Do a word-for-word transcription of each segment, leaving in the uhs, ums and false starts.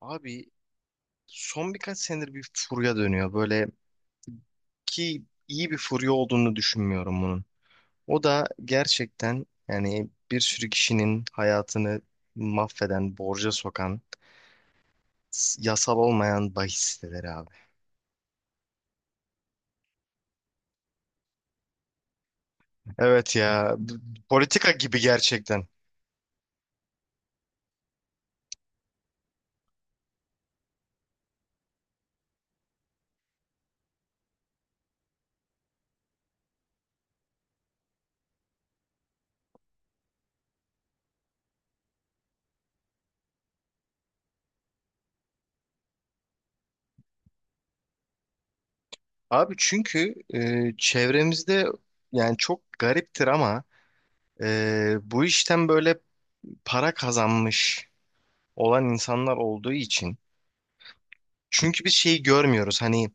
Abi son birkaç senedir bir furya dönüyor böyle ki iyi bir furya olduğunu düşünmüyorum bunun. O da gerçekten yani bir sürü kişinin hayatını mahveden, borca sokan, s- yasal olmayan bahis siteleri abi. Evet ya b- politika gibi gerçekten. Abi çünkü e, çevremizde yani çok gariptir ama e, bu işten böyle para kazanmış olan insanlar olduğu için. Çünkü biz şeyi görmüyoruz hani,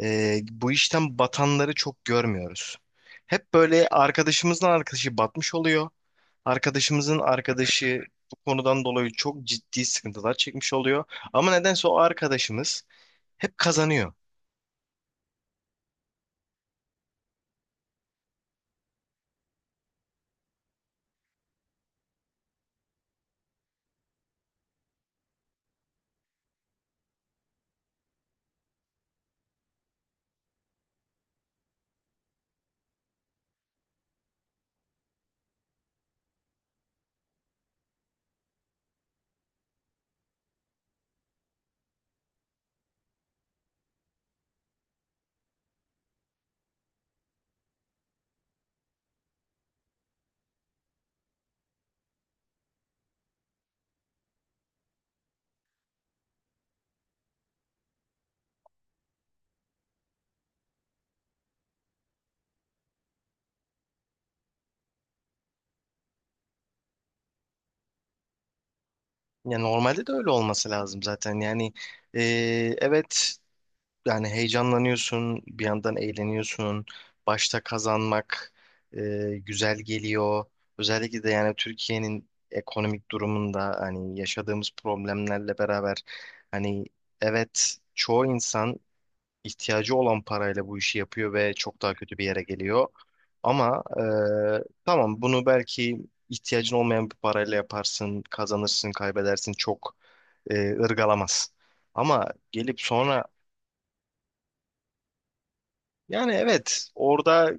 e, bu işten batanları çok görmüyoruz. Hep böyle arkadaşımızın arkadaşı batmış oluyor. Arkadaşımızın arkadaşı bu konudan dolayı çok ciddi sıkıntılar çekmiş oluyor. Ama nedense o arkadaşımız hep kazanıyor. Yani normalde de öyle olması lazım zaten. Yani e, evet, yani heyecanlanıyorsun, bir yandan eğleniyorsun. Başta kazanmak e, güzel geliyor. Özellikle de yani Türkiye'nin ekonomik durumunda hani yaşadığımız problemlerle beraber hani evet çoğu insan ihtiyacı olan parayla bu işi yapıyor ve çok daha kötü bir yere geliyor. Ama e, tamam, bunu belki ihtiyacın olmayan bir parayla yaparsın, kazanırsın, kaybedersin, çok e, ırgalamaz. Ama gelip sonra. Yani evet orada.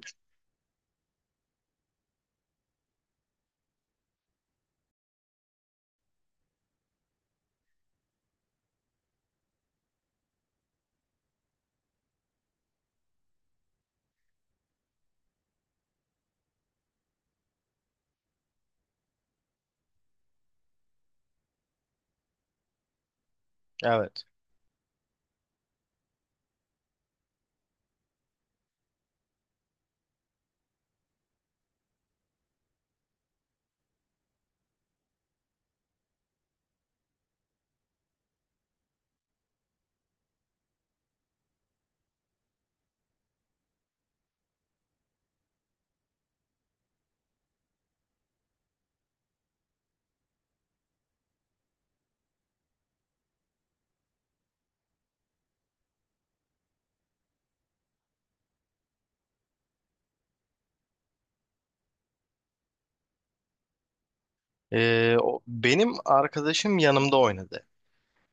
Evet. Ee, o- benim arkadaşım yanımda oynadı.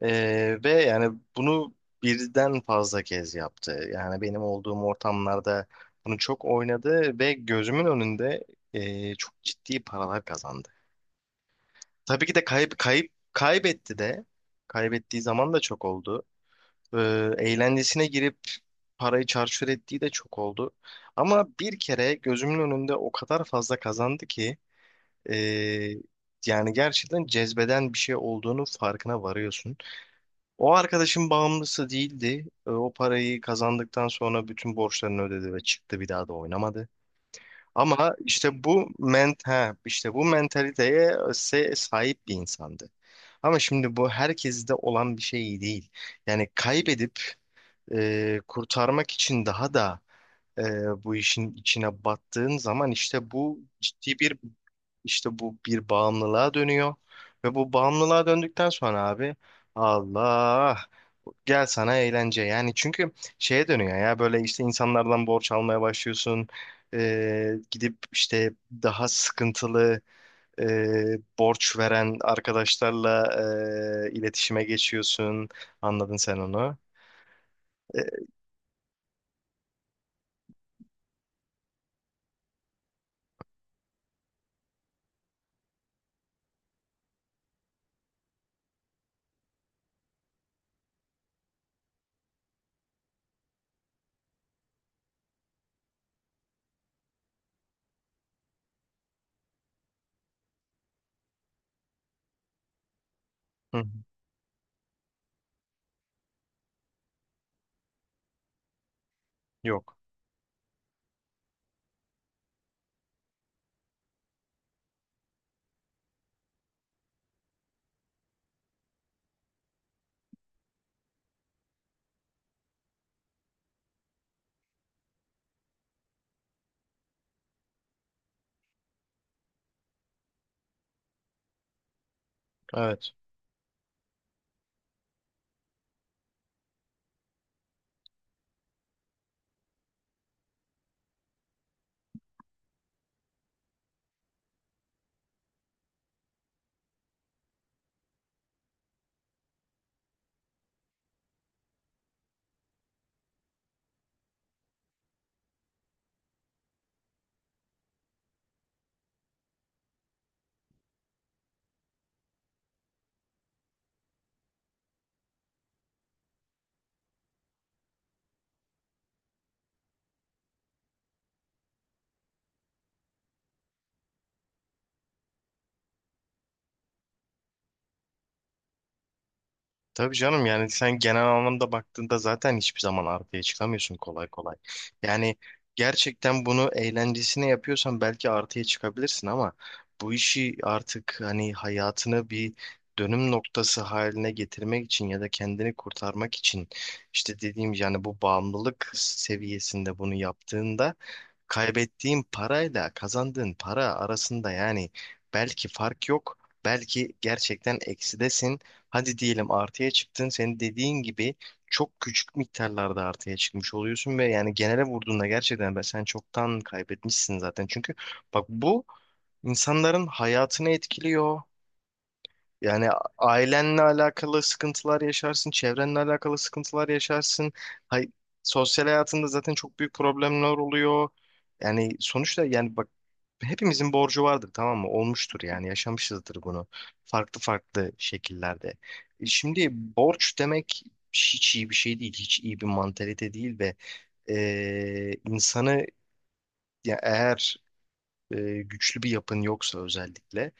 Ee, ve yani bunu birden fazla kez yaptı. Yani benim olduğum ortamlarda bunu çok oynadı ve gözümün önünde e, çok ciddi paralar kazandı. Tabii ki de kayıp kayıp kaybetti de, kaybettiği zaman da çok oldu. Ee, Eğlencesine girip parayı çarçur ettiği de çok oldu. Ama bir kere gözümün önünde o kadar fazla kazandı ki. Ee, Yani gerçekten cezbeden bir şey olduğunu farkına varıyorsun. O arkadaşın bağımlısı değildi. Ee, O parayı kazandıktan sonra bütün borçlarını ödedi ve çıktı, bir daha da oynamadı. Ama işte bu ment ha, işte bu mentaliteye se- sahip bir insandı. Ama şimdi bu herkeste olan bir şey değil. Yani kaybedip e, kurtarmak için daha da e, bu işin içine battığın zaman, işte bu ciddi bir işte bu bir bağımlılığa dönüyor ve bu bağımlılığa döndükten sonra abi, Allah gel sana eğlence, yani çünkü şeye dönüyor ya böyle, işte insanlardan borç almaya başlıyorsun, e, gidip işte daha sıkıntılı, e, borç veren arkadaşlarla e, iletişime geçiyorsun. Anladın sen onu. E, hı, hı. Yok. Evet. Tabii canım, yani sen genel anlamda baktığında zaten hiçbir zaman arkaya çıkamıyorsun kolay kolay. Yani gerçekten bunu eğlencesine yapıyorsan belki artıya çıkabilirsin ama bu işi artık hani hayatını bir dönüm noktası haline getirmek için ya da kendini kurtarmak için, işte dediğim yani, bu bağımlılık seviyesinde bunu yaptığında kaybettiğin parayla kazandığın para arasında yani belki fark yok. Belki gerçekten eksidesin. Hadi diyelim artıya çıktın. Senin dediğin gibi çok küçük miktarlarda artıya çıkmış oluyorsun ve yani genele vurduğunda gerçekten ben sen çoktan kaybetmişsin zaten. Çünkü bak, bu insanların hayatını etkiliyor. Yani ailenle alakalı sıkıntılar yaşarsın, çevrenle alakalı sıkıntılar yaşarsın. Hay Sosyal hayatında zaten çok büyük problemler oluyor. Yani sonuçta, yani bak, hepimizin borcu vardır, tamam mı? Olmuştur yani, yaşamışızdır bunu. Farklı farklı şekillerde. E Şimdi borç demek hiç iyi bir şey değil. Hiç iyi bir mantalite değil ve e, insanı, ya eğer e, güçlü bir yapın yoksa, özellikle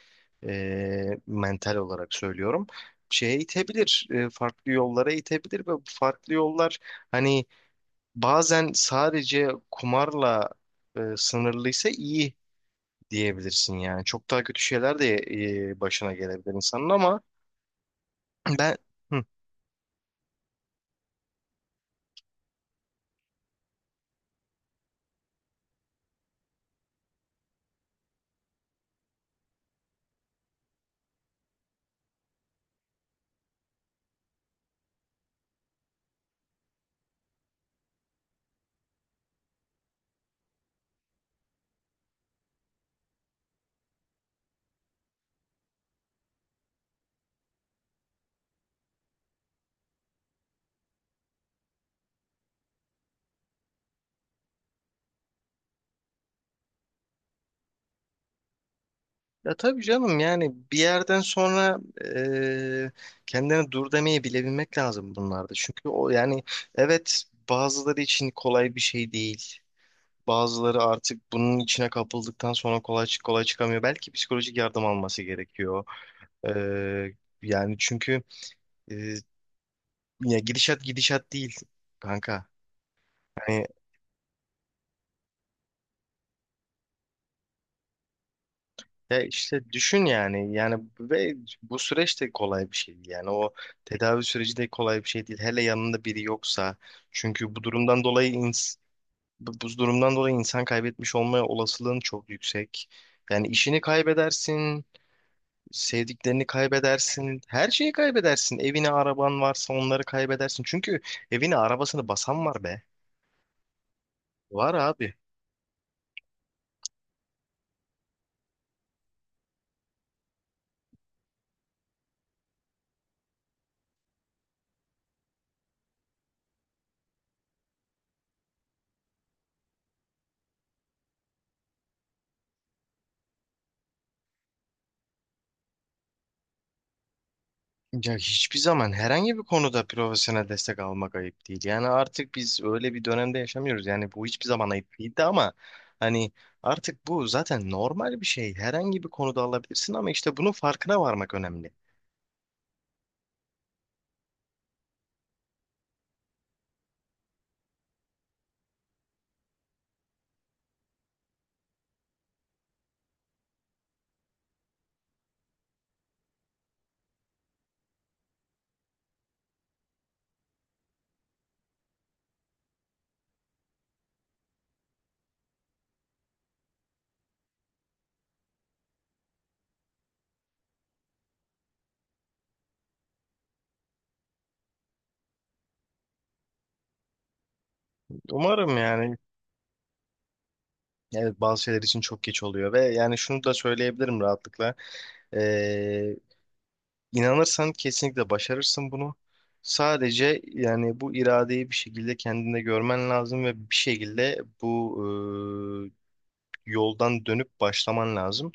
e, mental olarak söylüyorum, şeye itebilir, e, farklı yollara itebilir ve bu farklı yollar hani bazen sadece kumarla e, sınırlıysa iyi diyebilirsin yani. Çok daha kötü şeyler de e, başına gelebilir insanın ama ben. Hı. Ya tabii canım, yani bir yerden sonra eee kendine dur demeyi bilebilmek lazım bunlarda. Çünkü o yani, evet, bazıları için kolay bir şey değil. Bazıları artık bunun içine kapıldıktan sonra kolay çık kolay çıkamıyor. Belki psikolojik yardım alması gerekiyor. Eee, Yani çünkü, eee, ya gidişat gidişat değil kanka. Hani. Ya işte düşün, yani yani ve bu süreç de kolay bir şey değil, yani o tedavi süreci de kolay bir şey değil, hele yanında biri yoksa, çünkü bu durumdan dolayı ins- bu bu durumdan dolayı insan kaybetmiş olma olasılığın çok yüksek. Yani işini kaybedersin, sevdiklerini kaybedersin, her şeyi kaybedersin, evini araban varsa onları kaybedersin, çünkü evini arabasını basan var be, var abi. Ya hiçbir zaman herhangi bir konuda profesyonel destek almak ayıp değil. Yani artık biz öyle bir dönemde yaşamıyoruz. Yani bu hiçbir zaman ayıp değildi ama hani artık bu zaten normal bir şey. Herhangi bir konuda alabilirsin ama işte bunun farkına varmak önemli. Umarım yani. Evet, bazı şeyler için çok geç oluyor ve yani şunu da söyleyebilirim rahatlıkla. Ee, inanırsan kesinlikle başarırsın bunu. Sadece yani bu iradeyi bir şekilde kendinde görmen lazım ve bir şekilde bu yoldan dönüp başlaman lazım.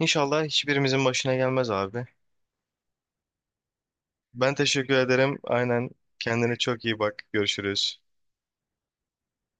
İnşallah hiçbirimizin başına gelmez abi. Ben teşekkür ederim. Aynen. Kendine çok iyi bak. Görüşürüz.